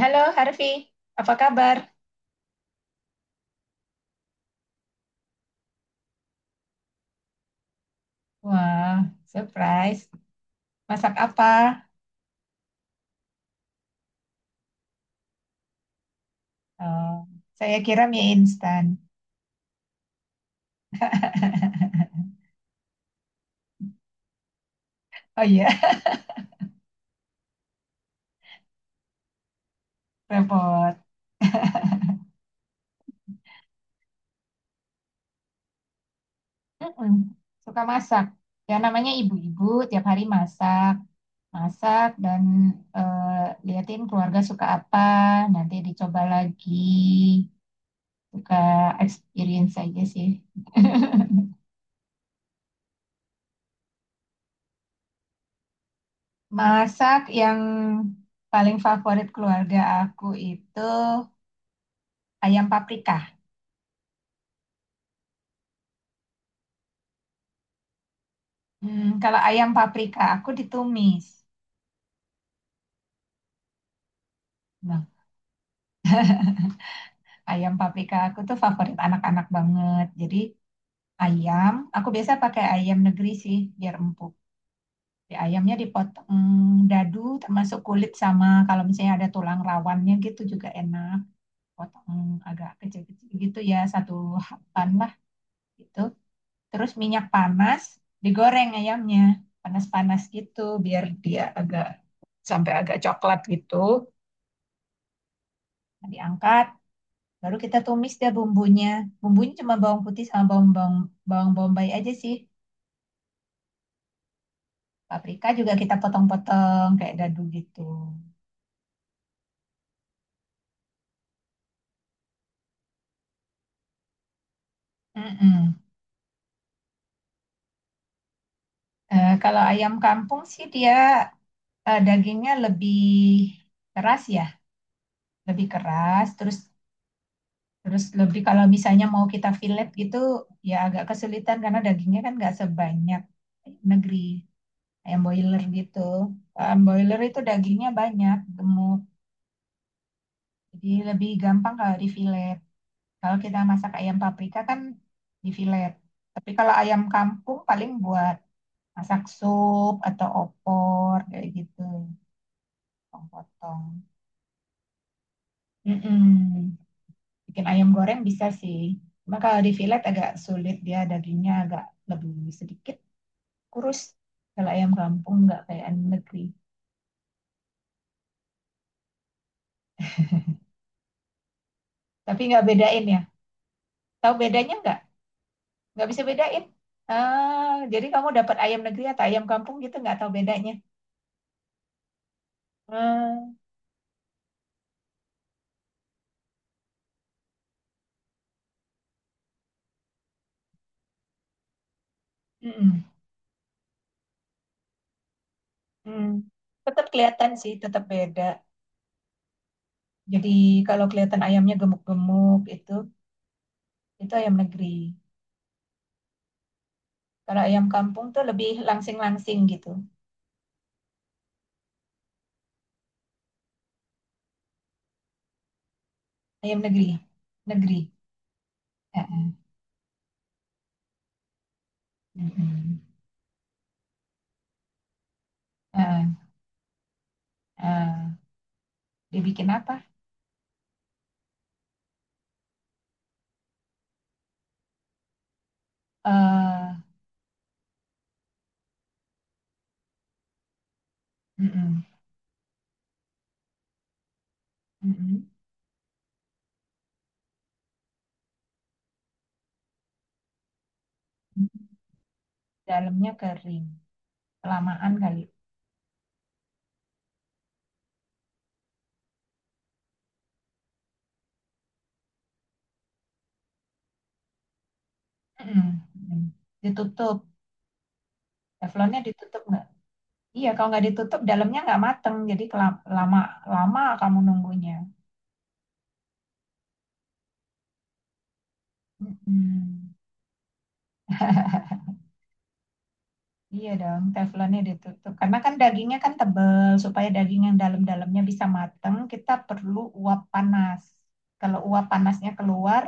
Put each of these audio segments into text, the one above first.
Halo Harvey, apa kabar? Wah, surprise. Masak apa? Oh, saya kira mie instan. Oh iya, repot. Mm-mm. Suka masak. Ya namanya ibu-ibu, tiap hari masak. Masak dan liatin keluarga suka apa, nanti dicoba lagi. Suka experience aja sih. Masak yang paling favorit keluarga aku itu ayam paprika. Hmm, kalau ayam paprika aku ditumis. Bang, ayam paprika aku tuh favorit anak-anak banget. Jadi ayam, aku biasa pakai ayam negeri sih biar empuk. Di ayamnya dipotong dadu termasuk kulit sama kalau misalnya ada tulang rawannya gitu juga enak. Potong agak kecil-kecil gitu ya, satu hapan lah gitu. Terus minyak panas, digoreng ayamnya. Panas-panas gitu biar dia agak sampai agak coklat gitu. Nah, diangkat. Baru kita tumis deh bumbunya. Bumbunya cuma bawang putih sama bawang bawang bawang bombay aja sih. Paprika juga kita potong-potong kayak dadu gitu. Mm-mm. Kalau ayam kampung sih dia dagingnya lebih keras ya, lebih keras. Terus terus lebih kalau misalnya mau kita fillet gitu ya agak kesulitan karena dagingnya kan nggak sebanyak ayam negeri ayam boiler gitu. Ayam boiler itu dagingnya banyak, gemuk, jadi lebih gampang kalau di fillet. Kalau kita masak ayam paprika kan di filet. Tapi kalau ayam kampung paling buat masak sup atau opor kayak gitu, potong-potong. Mm-mm. Bikin ayam goreng bisa sih. Cuma kalau di filet agak sulit dia dagingnya agak lebih sedikit kurus. Kalau ayam kampung nggak kayak ayam negeri. Tapi nggak bedain ya. Tahu bedanya nggak? Nggak bisa bedain. Ah, jadi kamu dapat ayam negeri atau ayam kampung gitu nggak tahu bedanya. Ah, mm-mm. Hmm, tetap kelihatan sih, tetap beda. Jadi kalau kelihatan ayamnya gemuk-gemuk itu ayam negeri. Kalau ayam kampung tuh lebih langsing-langsing gitu. Ayam negeri, negeri. Eh, eh, mm-mm. Eh, eh. Dibikin apa? eh mm-mm, mm-mm. Dalamnya kering, kelamaan kali. Mm-mm, mm-mm. Ditutup, teflonnya ditutup nggak? Iya, kalau nggak ditutup, dalamnya nggak mateng. Jadi lama, lama kamu nunggunya. Mm-mm. Iya dong, teflonnya ditutup. Karena kan dagingnya kan tebel, supaya daging yang dalam-dalamnya bisa mateng, kita perlu uap panas. Kalau uap panasnya keluar,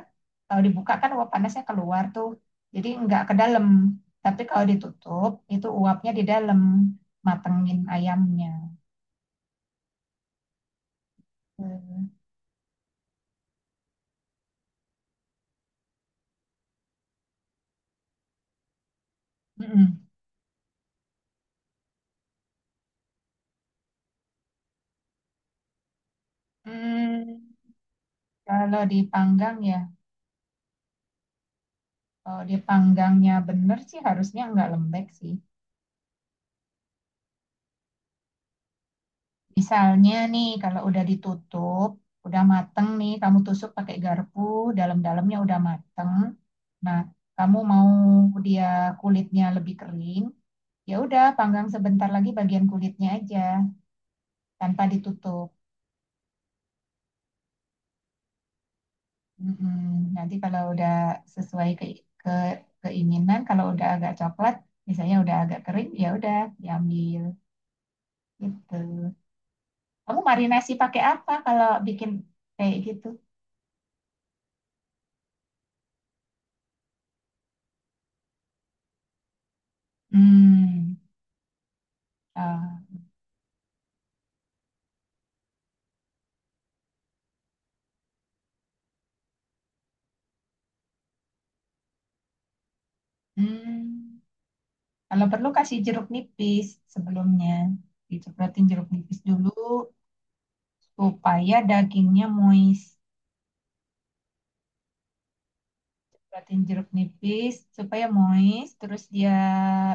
kalau dibuka kan uap panasnya keluar tuh, jadi nggak ke dalam. Tapi kalau ditutup, itu uapnya di dalam, matengin ayamnya. Hmm. Mm-mm. Hmm, kalau dipanggang ya, kalau dipanggangnya bener sih harusnya nggak lembek sih. Misalnya nih, kalau udah ditutup, udah mateng nih, kamu tusuk pakai garpu, dalam-dalamnya udah mateng. Nah, kamu mau dia kulitnya lebih kering, ya udah panggang sebentar lagi bagian kulitnya aja, tanpa ditutup. Mm-mm. Nanti kalau udah sesuai ke keinginan, kalau udah agak coklat, misalnya udah agak kering, ya udah diambil gitu. Kamu marinasi pakai apa kalau bikin kayak gitu? Hmm. Ah. Hmm, kalau perlu kasih jeruk nipis sebelumnya. Dicepratin jeruk nipis dulu supaya dagingnya moist. Cepratin jeruk nipis supaya moist, terus dia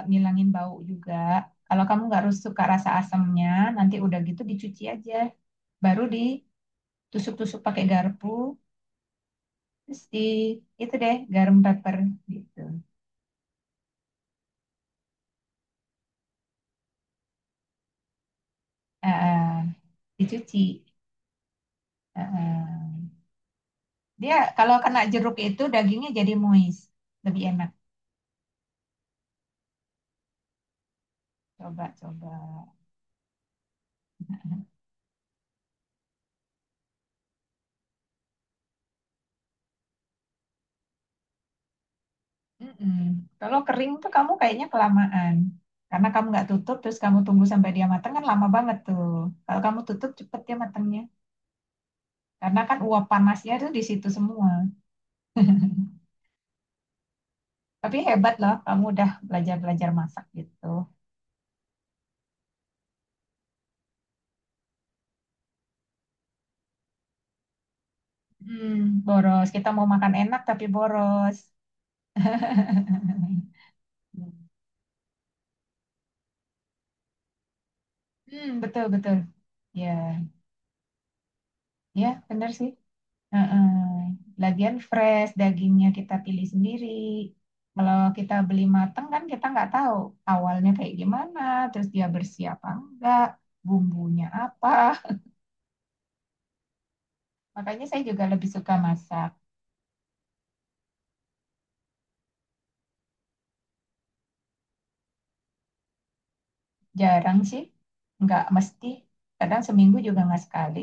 ngilangin bau juga. Kalau kamu nggak harus suka rasa asamnya, nanti udah gitu dicuci aja. Baru ditusuk-tusuk pakai garpu, terus di itu deh garam pepper gitu. Ah, ah, dicuci. Ah, ah. Dia kalau kena jeruk itu dagingnya jadi moist, lebih enak. Coba-coba. Mm-mm. Kalau kering tuh kamu kayaknya kelamaan. Karena kamu nggak tutup, terus kamu tunggu sampai dia matang kan lama banget tuh. Kalau kamu tutup cepet dia matangnya. Karena kan uap panasnya tuh di situ semua. Tapi hebat loh, kamu udah belajar-belajar masak gitu. Hmm, boros. Kita mau makan enak tapi boros. Hmm, betul betul. Ya, ya benar sih. Heeh. Lagian fresh, dagingnya kita pilih sendiri. Kalau kita beli mateng kan kita nggak tahu awalnya kayak gimana, terus dia bersih apa enggak, bumbunya apa. Makanya saya juga lebih suka masak. Jarang sih, nggak mesti. Kadang seminggu juga nggak sekali.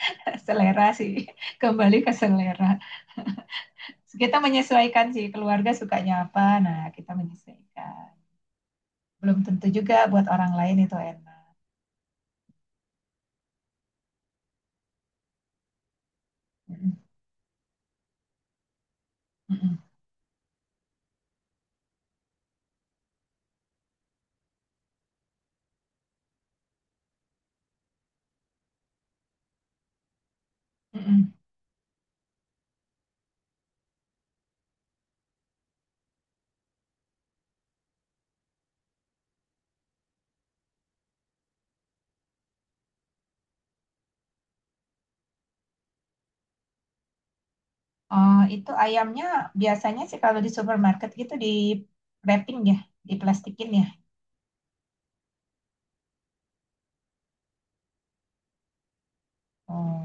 Selera sih, kembali ke selera. Kita menyesuaikan sih, keluarga sukanya apa, nah kita menyesuaikan. Belum tentu juga buat orang lain itu enak. Mm-mm. Mm-mm. Mm-mm. Oh, itu ayamnya biasanya sih kalau di supermarket gitu di wrapping ya, diplastikin ya. Oh.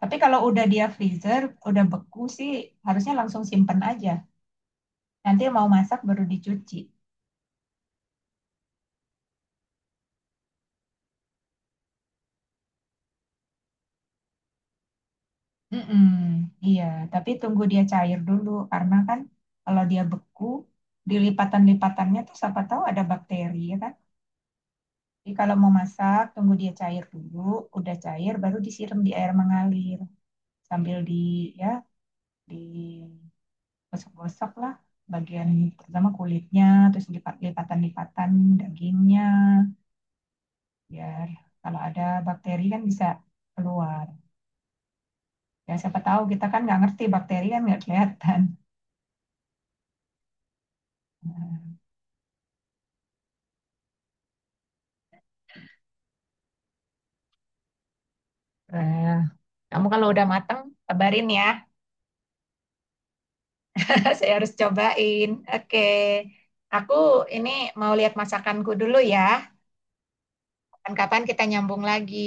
Tapi kalau udah dia freezer, udah beku sih harusnya langsung simpen aja. Nanti mau masak baru dicuci. Mm-mm, iya, tapi tunggu dia cair dulu karena kan kalau dia beku, di lipatan-lipatannya tuh siapa tahu ada bakteri ya kan. Jadi kalau mau masak, tunggu dia cair dulu, udah cair baru disiram di air mengalir sambil ya di gosok-gosok lah bagian pertama kulitnya terus lipatan-lipatan dagingnya biar kalau ada bakteri kan bisa keluar ya siapa tahu kita kan nggak ngerti bakteri kan nggak kelihatan. Eh, kamu kalau udah mateng, kabarin ya. Saya harus cobain. Oke. Aku ini mau lihat masakanku dulu ya. Kapan-kapan kita nyambung lagi.